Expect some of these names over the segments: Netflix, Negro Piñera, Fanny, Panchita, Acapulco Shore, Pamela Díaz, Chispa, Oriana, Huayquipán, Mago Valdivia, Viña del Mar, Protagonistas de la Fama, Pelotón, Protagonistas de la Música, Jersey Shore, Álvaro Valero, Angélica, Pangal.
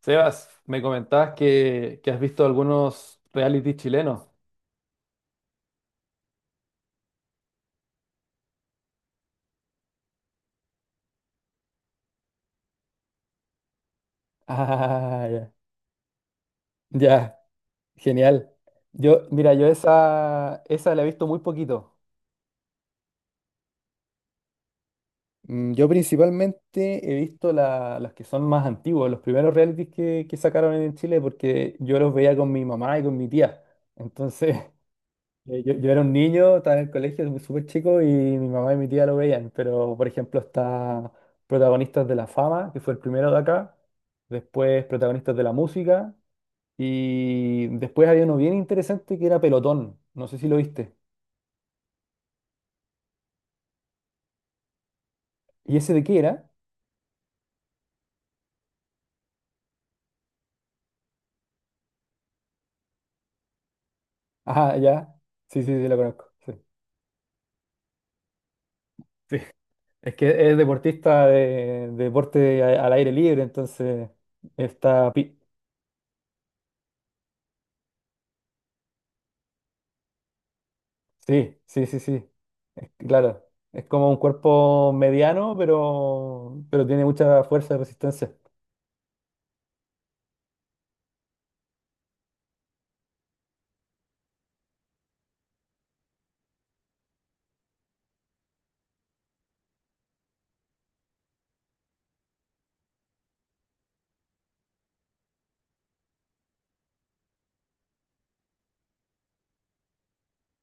Sebas, me comentabas que has visto algunos reality chilenos. Ah, ya, ya, genial. Yo, mira, esa la he visto muy poquito. Mm, yo principalmente he visto las que son más antiguos, los primeros realities que sacaron en Chile, porque yo los veía con mi mamá y con mi tía. Entonces, yo era un niño, estaba en el colegio, súper chico, y mi mamá y mi tía lo veían, pero por ejemplo está Protagonistas de la Fama, que fue el primero de acá, después Protagonistas de la Música, y después había uno bien interesante que era Pelotón, no sé si lo viste. ¿Y ese de qué era? Ah, ya, sí, sí, sí, lo conozco. Sí, sí. Es que es deportista de deporte al aire libre, entonces está sí, sí, sí, sí. Claro, es como un cuerpo mediano, pero tiene mucha fuerza y resistencia.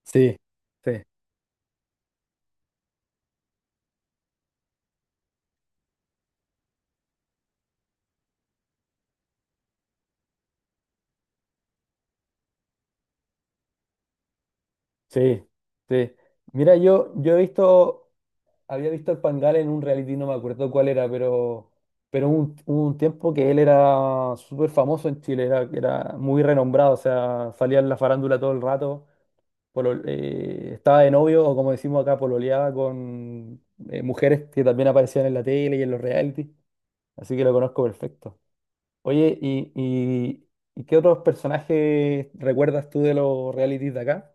Sí, sí, sí, sí. Mira, yo he visto, había visto al Pangal en un reality, no me acuerdo cuál era, pero un tiempo que él era súper famoso en Chile, era muy renombrado, o sea, salía en la farándula todo el rato, estaba de novio, o como decimos acá, pololeaba con mujeres que también aparecían en la tele y en los reality. Así que lo conozco perfecto. Oye, ¿y qué otros personajes recuerdas tú de los realities de acá?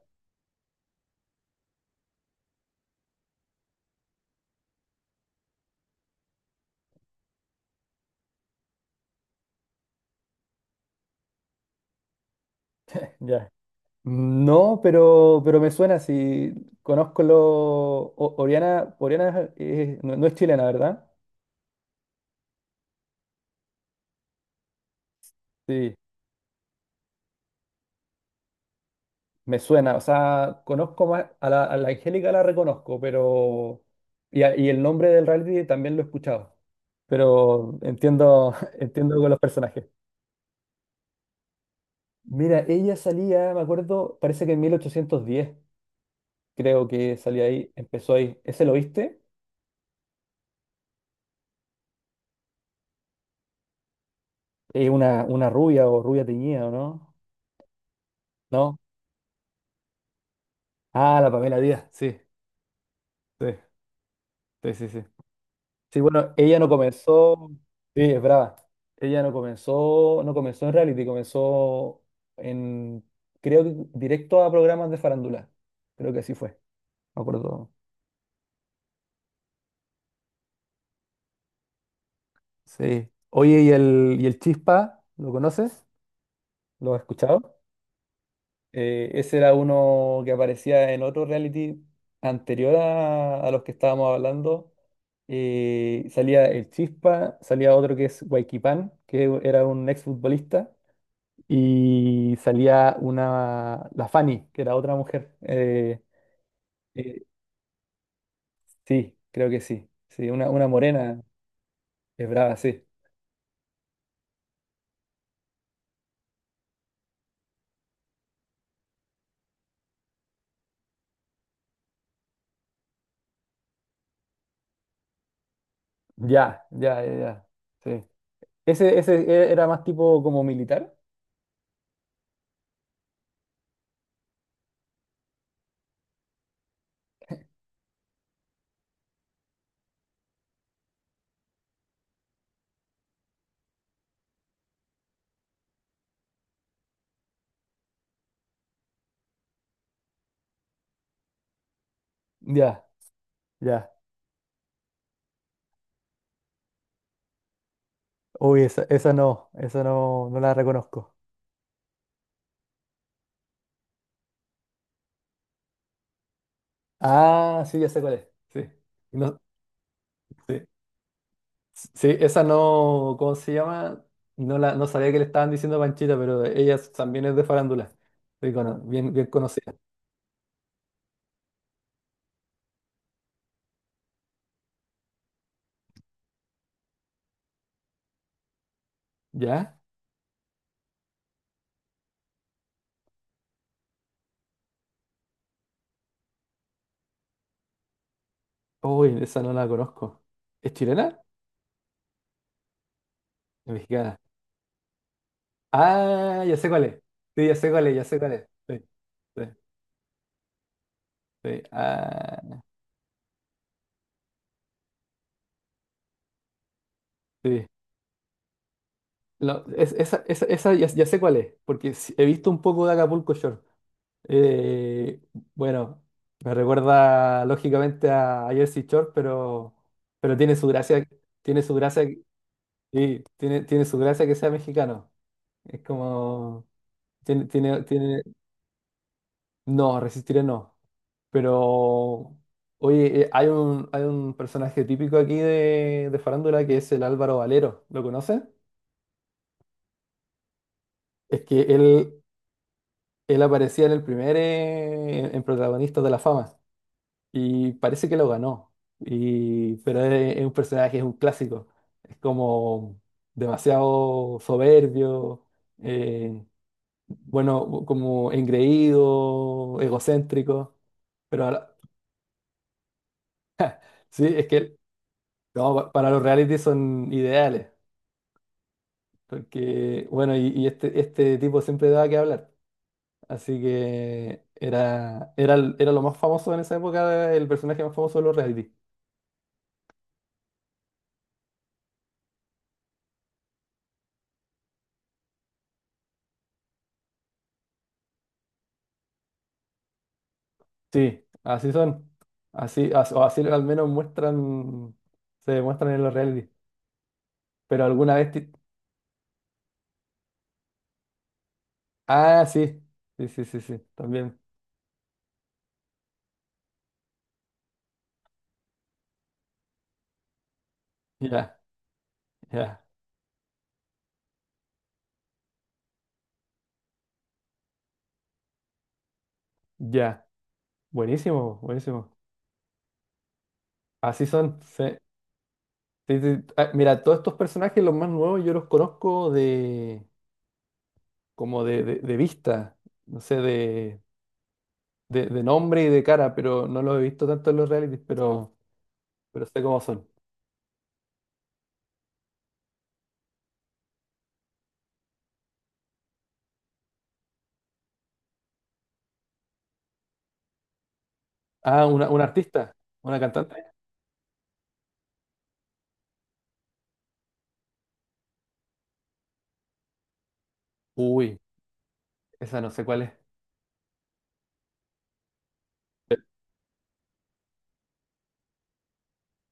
Ya. No, pero me suena si conozco lo... Oriana, no, no es chilena, ¿verdad? Sí, me suena. O sea, conozco más... a la Angélica la reconozco, pero... Y, y el nombre del reality también lo he escuchado. Pero entiendo, entiendo con los personajes. Mira, ella salía, me acuerdo, parece que en 1810. Creo que salió ahí, empezó ahí. ¿Ese lo viste? Una rubia o rubia teñida, ¿o ¿no? ¿No? Ah, la Pamela Díaz, sí, sí, sí, sí, sí. Sí, bueno, ella no comenzó, sí, es brava. Ella no comenzó, no comenzó en reality, comenzó en, creo que directo a programas de farándula. Creo que así fue, me acuerdo. Sí. Oye, ¿y el Chispa? ¿Lo conoces? ¿Lo has escuchado? Ese era uno que aparecía en otro reality anterior a los que estábamos hablando. Salía el Chispa, salía otro que es Huayquipán, que era un exfutbolista, y salía una, la Fanny, que era otra mujer. Eh, sí, creo que sí. Sí, una morena, es brava, sí. Ya, ya, ya, ya. Sí. Ese era más tipo como militar. Ya, ya. Uy, esa, esa no, no la reconozco. Ah, sí, ya sé cuál es. Sí. No, sí. Sí, esa no, ¿cómo se llama? No la, no sabía que le estaban diciendo Panchita, pero ella también es de farándula. Sí, bien, bien conocida. ¿Ya? Uy, esa no la conozco. ¿Es chilena? ¿Es mexicana? Ah, ya sé cuál es. Sí, ya sé cuál es, ya sé cuál es. Sí, sí, sí. Ah, sí. No, esa, esa, esa ya, ya sé cuál es, porque sí, he visto un poco de Acapulco Shore. Eh, bueno, me recuerda lógicamente a Jersey Shore, pero tiene su gracia, sí, tiene, tiene su gracia que sea mexicano. Es como, tiene, tiene, tiene, no, resistiré no. Pero, oye, hay un personaje típico aquí de Farándula que es el Álvaro Valero. ¿Lo conoces? Es que él aparecía en el primer, en Protagonistas de la Fama. Y parece que lo ganó. Y, pero es un personaje, es un clásico. Es como demasiado soberbio, eh, bueno, como engreído, egocéntrico. Pero ahora- sí, es que no, para los reality son ideales. Porque, bueno, y, y este tipo siempre daba que hablar. Así que era, era, era lo más famoso en esa época, el personaje más famoso de los reality. Sí, así son. Así, o así al menos muestran, se demuestran en los reality. Pero alguna vez... Ah, sí. Sí, sí, sí, sí, también. Ya, ya, ya. Buenísimo, buenísimo. Así son. Sí. Sí, sí. Ah, mira, todos estos personajes, los más nuevos, yo los conozco de como de, de vista, no sé, de nombre y de cara, pero no los he visto tanto en los realities, pero sé cómo son. Ah, una artista, una cantante. Uy, esa no sé cuál es.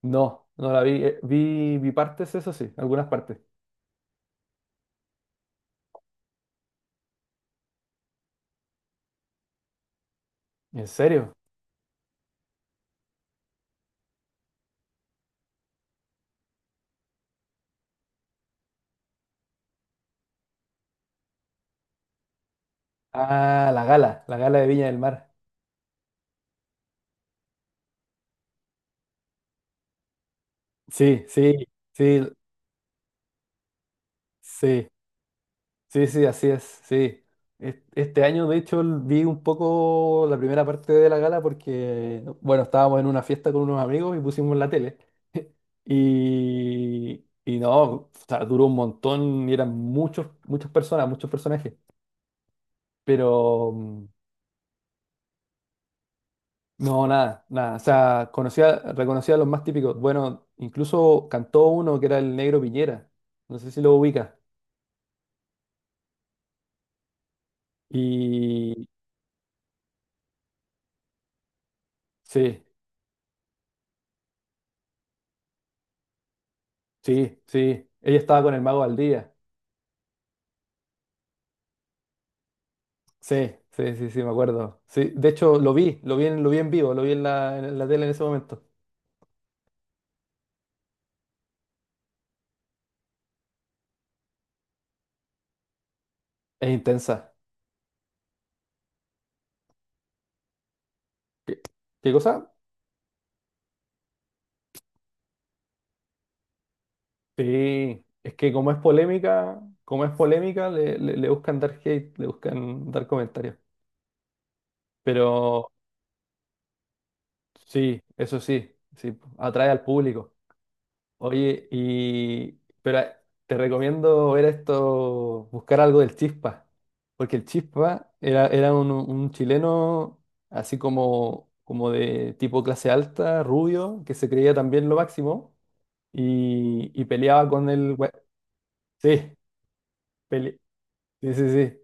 No, no la vi. Vi, vi partes, eso sí, algunas partes. ¿En serio? Ah, la gala de Viña del Mar. Sí, sí, sí, sí, sí, sí, así es, sí. Este año, de hecho, vi un poco la primera parte de la gala porque, bueno, estábamos en una fiesta con unos amigos y pusimos la tele. Y, y no, o sea, duró un montón y eran muchos, muchas personas, muchos personajes. Pero. mm, No, nada, nada. O sea, conocía, reconocía a los más típicos. Bueno, incluso cantó uno que era el Negro Piñera. No sé si lo ubica. Y sí, sí, sí. Ella estaba con el Mago Valdivia. Sí, sí, sí, sí, me acuerdo. Sí, de hecho lo vi en vivo, lo vi en la tele en ese momento. Es intensa. ¿Qué, qué cosa? Sí, es que como es polémica, le, le le buscan dar hate, le buscan dar comentarios. Pero sí, eso sí, sí, atrae al público. Oye, y pero te recomiendo ver esto, buscar algo del Chispa, porque el Chispa era, era un chileno así como, como de tipo clase alta, rubio, que se creía también lo máximo y peleaba con el... Sí, pele- sí, sí, sí,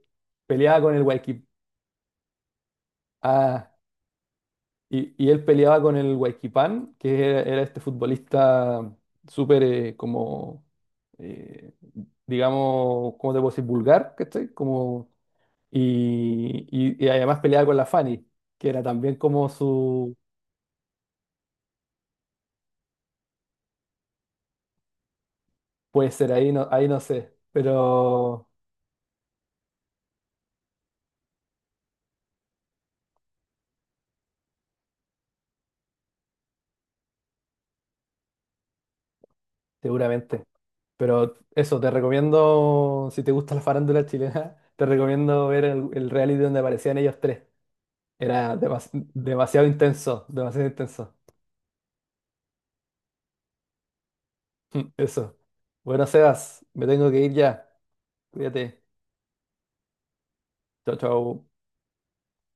peleaba con el Hualqui... Y, y él peleaba con el Huayquipán, que era, era este futbolista súper eh, digamos, ¿cómo te puedo decir? Vulgar, ¿cachai? Como, y además peleaba con la Fanny, que era también como su, puede ser, ahí no sé, pero seguramente. Pero eso, te recomiendo, si te gusta la farándula chilena, te recomiendo ver el reality donde aparecían ellos tres. Era demasiado intenso, demasiado intenso. Eso. Bueno, Sebas, me tengo que ir ya. Cuídate. Chao, chao.